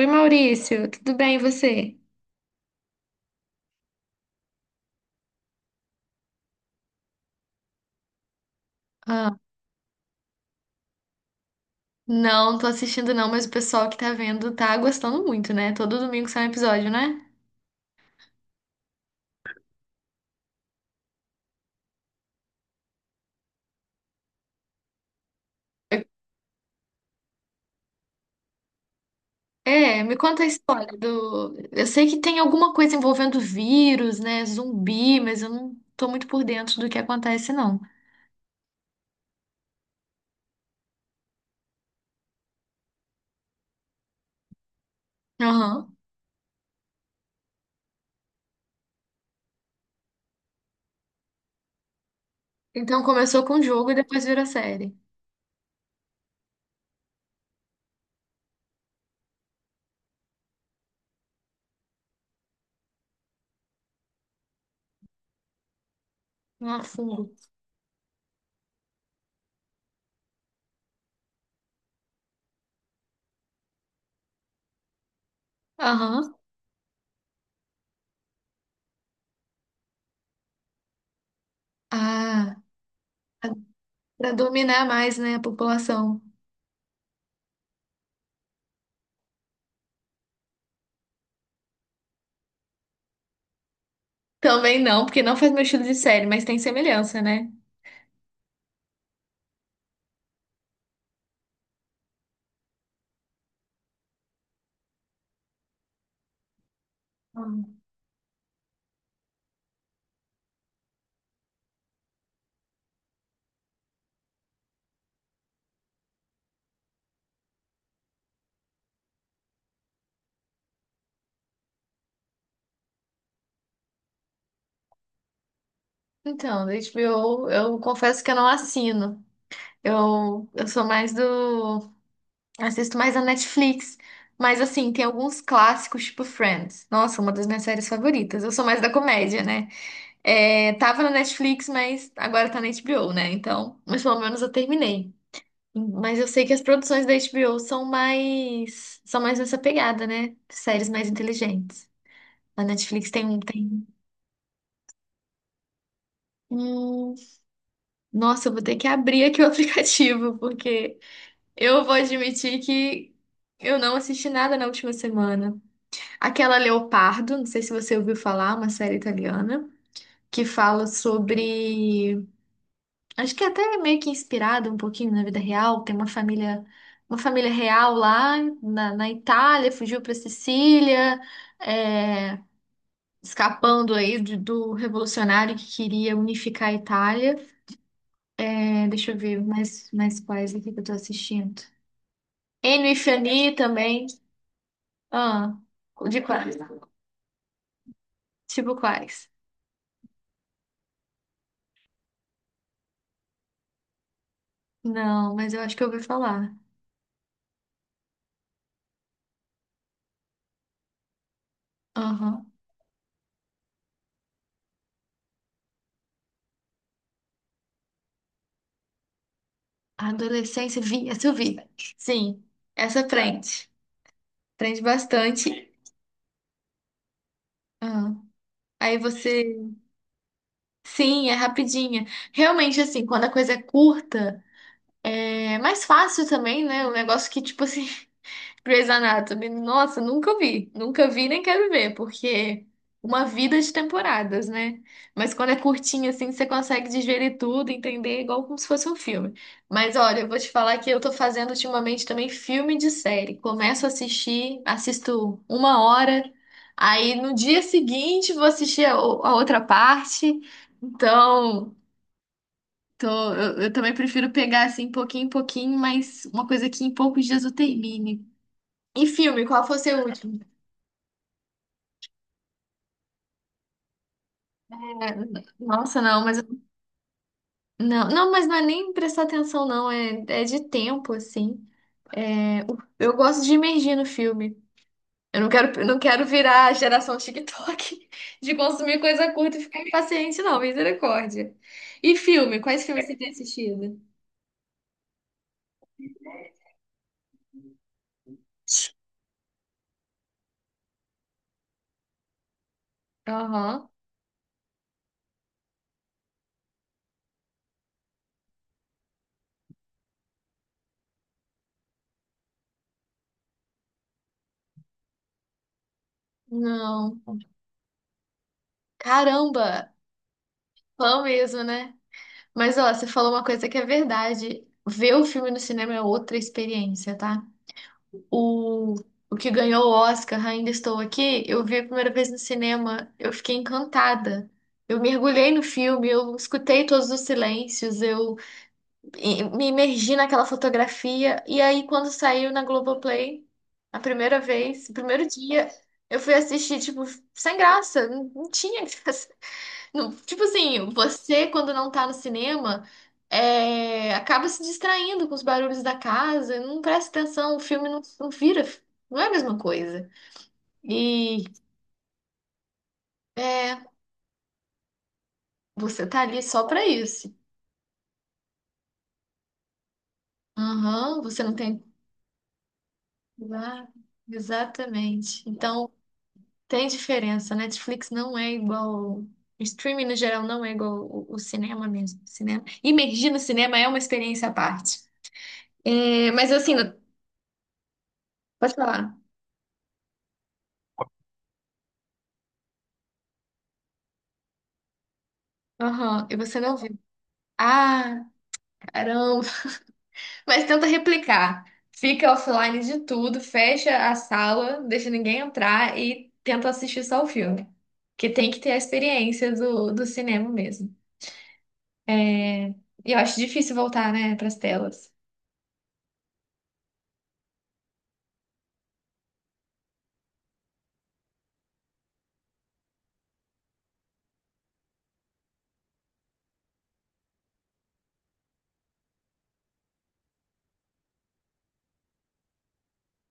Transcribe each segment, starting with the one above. Oi, Maurício, tudo bem e você? Ah, não, tô assistindo não, mas o pessoal que tá vendo tá gostando muito, né? Todo domingo sai um episódio, né? É, me conta a história do. Eu sei que tem alguma coisa envolvendo vírus, né? Zumbi, mas eu não tô muito por dentro do que acontece, não. Aham. Então começou com o jogo e depois virou série. Ah, fundo. Aham. Ah, pra dominar mais, né, a população. Também não, porque não faz meu estilo de série, mas tem semelhança, né? Então, da HBO, eu confesso que eu não assino. Eu sou mais do. Assisto mais a Netflix. Mas, assim, tem alguns clássicos, tipo Friends. Nossa, uma das minhas séries favoritas. Eu sou mais da comédia, né? É, tava na Netflix, mas agora tá na HBO, né? Então, mas pelo menos eu terminei. Mas eu sei que as produções da HBO são mais. São mais nessa pegada, né? Séries mais inteligentes. A Netflix tem um. Tem... Hum, nossa, eu vou ter que abrir aqui o aplicativo, porque. Eu vou admitir que eu não assisti nada na última semana. Aquela Leopardo, não sei se você ouviu falar, uma série italiana, que fala sobre. Acho que é até meio que inspirada um pouquinho na vida real. Tem uma família real lá na, na Itália, fugiu para Sicília, é, escapando aí de- do revolucionário que queria unificar a Itália. É, deixa eu ver mais, mais quais aqui que eu tô assistindo. Ennio e Fianni também. Ah, de quais? Tipo quais? Não, mas eu acho que eu ouvi falar. Aham. Adolescência, vi, essa eu vi. Sim, essa prende. Prende bastante. Ah. Aí você. Sim, é rapidinha. Realmente, assim, quando a coisa é curta, é mais fácil também, né? O negócio que, tipo assim, Grey's Anatomy, nossa, nunca vi. Nunca vi nem quero ver, porque uma vida de temporadas, né? Mas quando é curtinho assim, você consegue digerir tudo, entender igual como se fosse um filme. Mas olha, eu vou te falar que eu tô fazendo ultimamente também filme de série. Começo a assistir, assisto uma hora, aí no dia seguinte vou assistir a, o- a outra parte. Então, tô- eu também prefiro pegar assim, pouquinho em pouquinho, mas uma coisa que em poucos dias eu termine. E filme, qual foi o seu último? É, nossa, não, mas não, mas não é nem prestar atenção, não, é de tempo, assim. É, o- eu gosto de imergir no filme. Eu não quero virar a geração TikTok de consumir coisa curta e ficar impaciente, não, misericórdia. E filme, quais filmes você tem assistido? Aham. Não. Caramba, fã mesmo, né? Mas ó, você falou uma coisa que é verdade. Ver o filme no cinema é outra experiência, tá? O, o que ganhou o Oscar, Ainda Estou Aqui, eu vi a primeira vez no cinema, eu fiquei encantada. Eu mergulhei no filme, eu escutei todos os silêncios, eu e- me imergi naquela fotografia. E aí, quando saiu na Globoplay, a primeira vez, o primeiro dia, eu fui assistir, tipo, sem graça, não tinha graça. Não, tipo assim, você quando não tá no cinema, é, acaba se distraindo com os barulhos da casa, não presta atenção, o filme não vira, não é a mesma coisa. E é, você tá ali só pra isso. Aham, você não tem. Ah, exatamente. Então tem diferença. Netflix não é igual. O Streaming no geral não é igual o cinema mesmo. Cinema. Imergir no cinema é uma experiência à parte. É, mas assim, pode falar. Aham, e você não viu. Ah, caramba. Mas tenta replicar. Fica offline de tudo, fecha a sala, deixa ninguém entrar e tenta assistir só o filme. Que tem que ter a experiência do, do cinema mesmo. É, e eu acho difícil voltar, né, pras telas.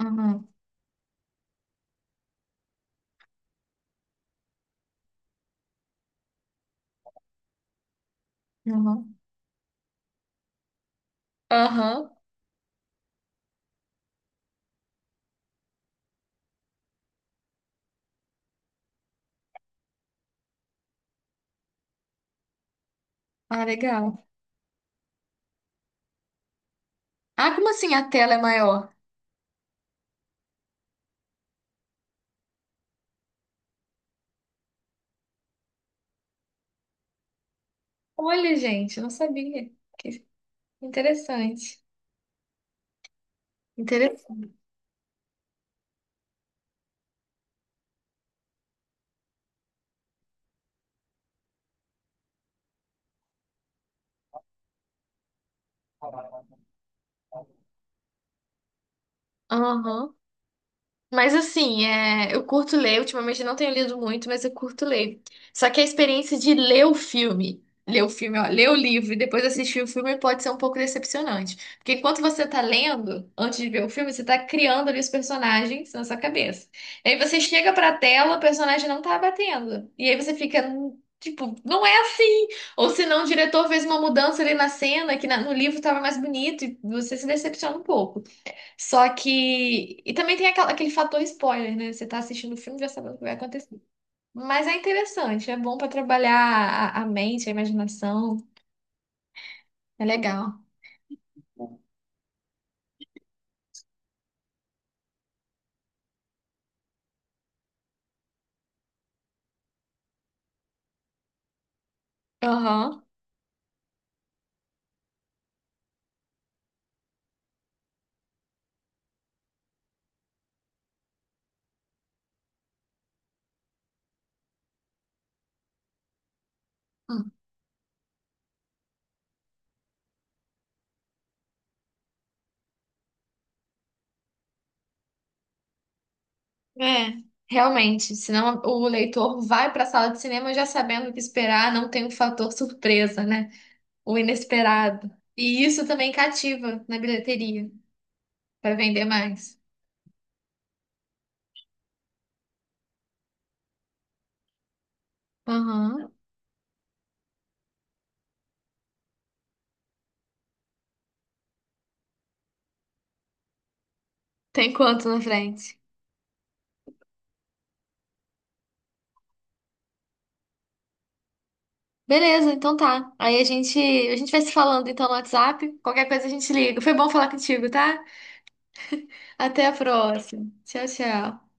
Aham, aham. Aham. Ah, legal. Ah, como assim a tela é maior? Olha, gente, eu não sabia. Que interessante. Interessante. Aham. Mas assim, é, eu curto ler, ultimamente eu não tenho lido muito, mas eu curto ler. Só que a experiência de ler o filme, ó, ler o livro e depois assistir o filme pode ser um pouco decepcionante. Porque enquanto você tá lendo, antes de ver o filme, você tá criando ali os personagens na sua cabeça. E aí você chega pra tela, o personagem não tá batendo. E aí você fica, tipo, não é assim. Ou senão o diretor fez uma mudança ali na cena que na- no livro tava mais bonito e você se decepciona um pouco. Só que. E também tem aquela- aquele fator spoiler, né? Você tá assistindo o filme já sabendo o que vai acontecer. Mas é interessante, é bom pra trabalhar a mente, a imaginação. É legal. Aham. Hum. É, realmente. Senão o leitor vai pra sala de cinema já sabendo o que esperar, não tem o fator surpresa, né? O inesperado. E isso também cativa na bilheteria, pra vender mais. Aham. Tem quanto na frente? Beleza, então tá. Aí a gente vai se falando então no WhatsApp. Qualquer coisa a gente liga. Foi bom falar contigo, tá? Até a próxima. Tchau, tchau.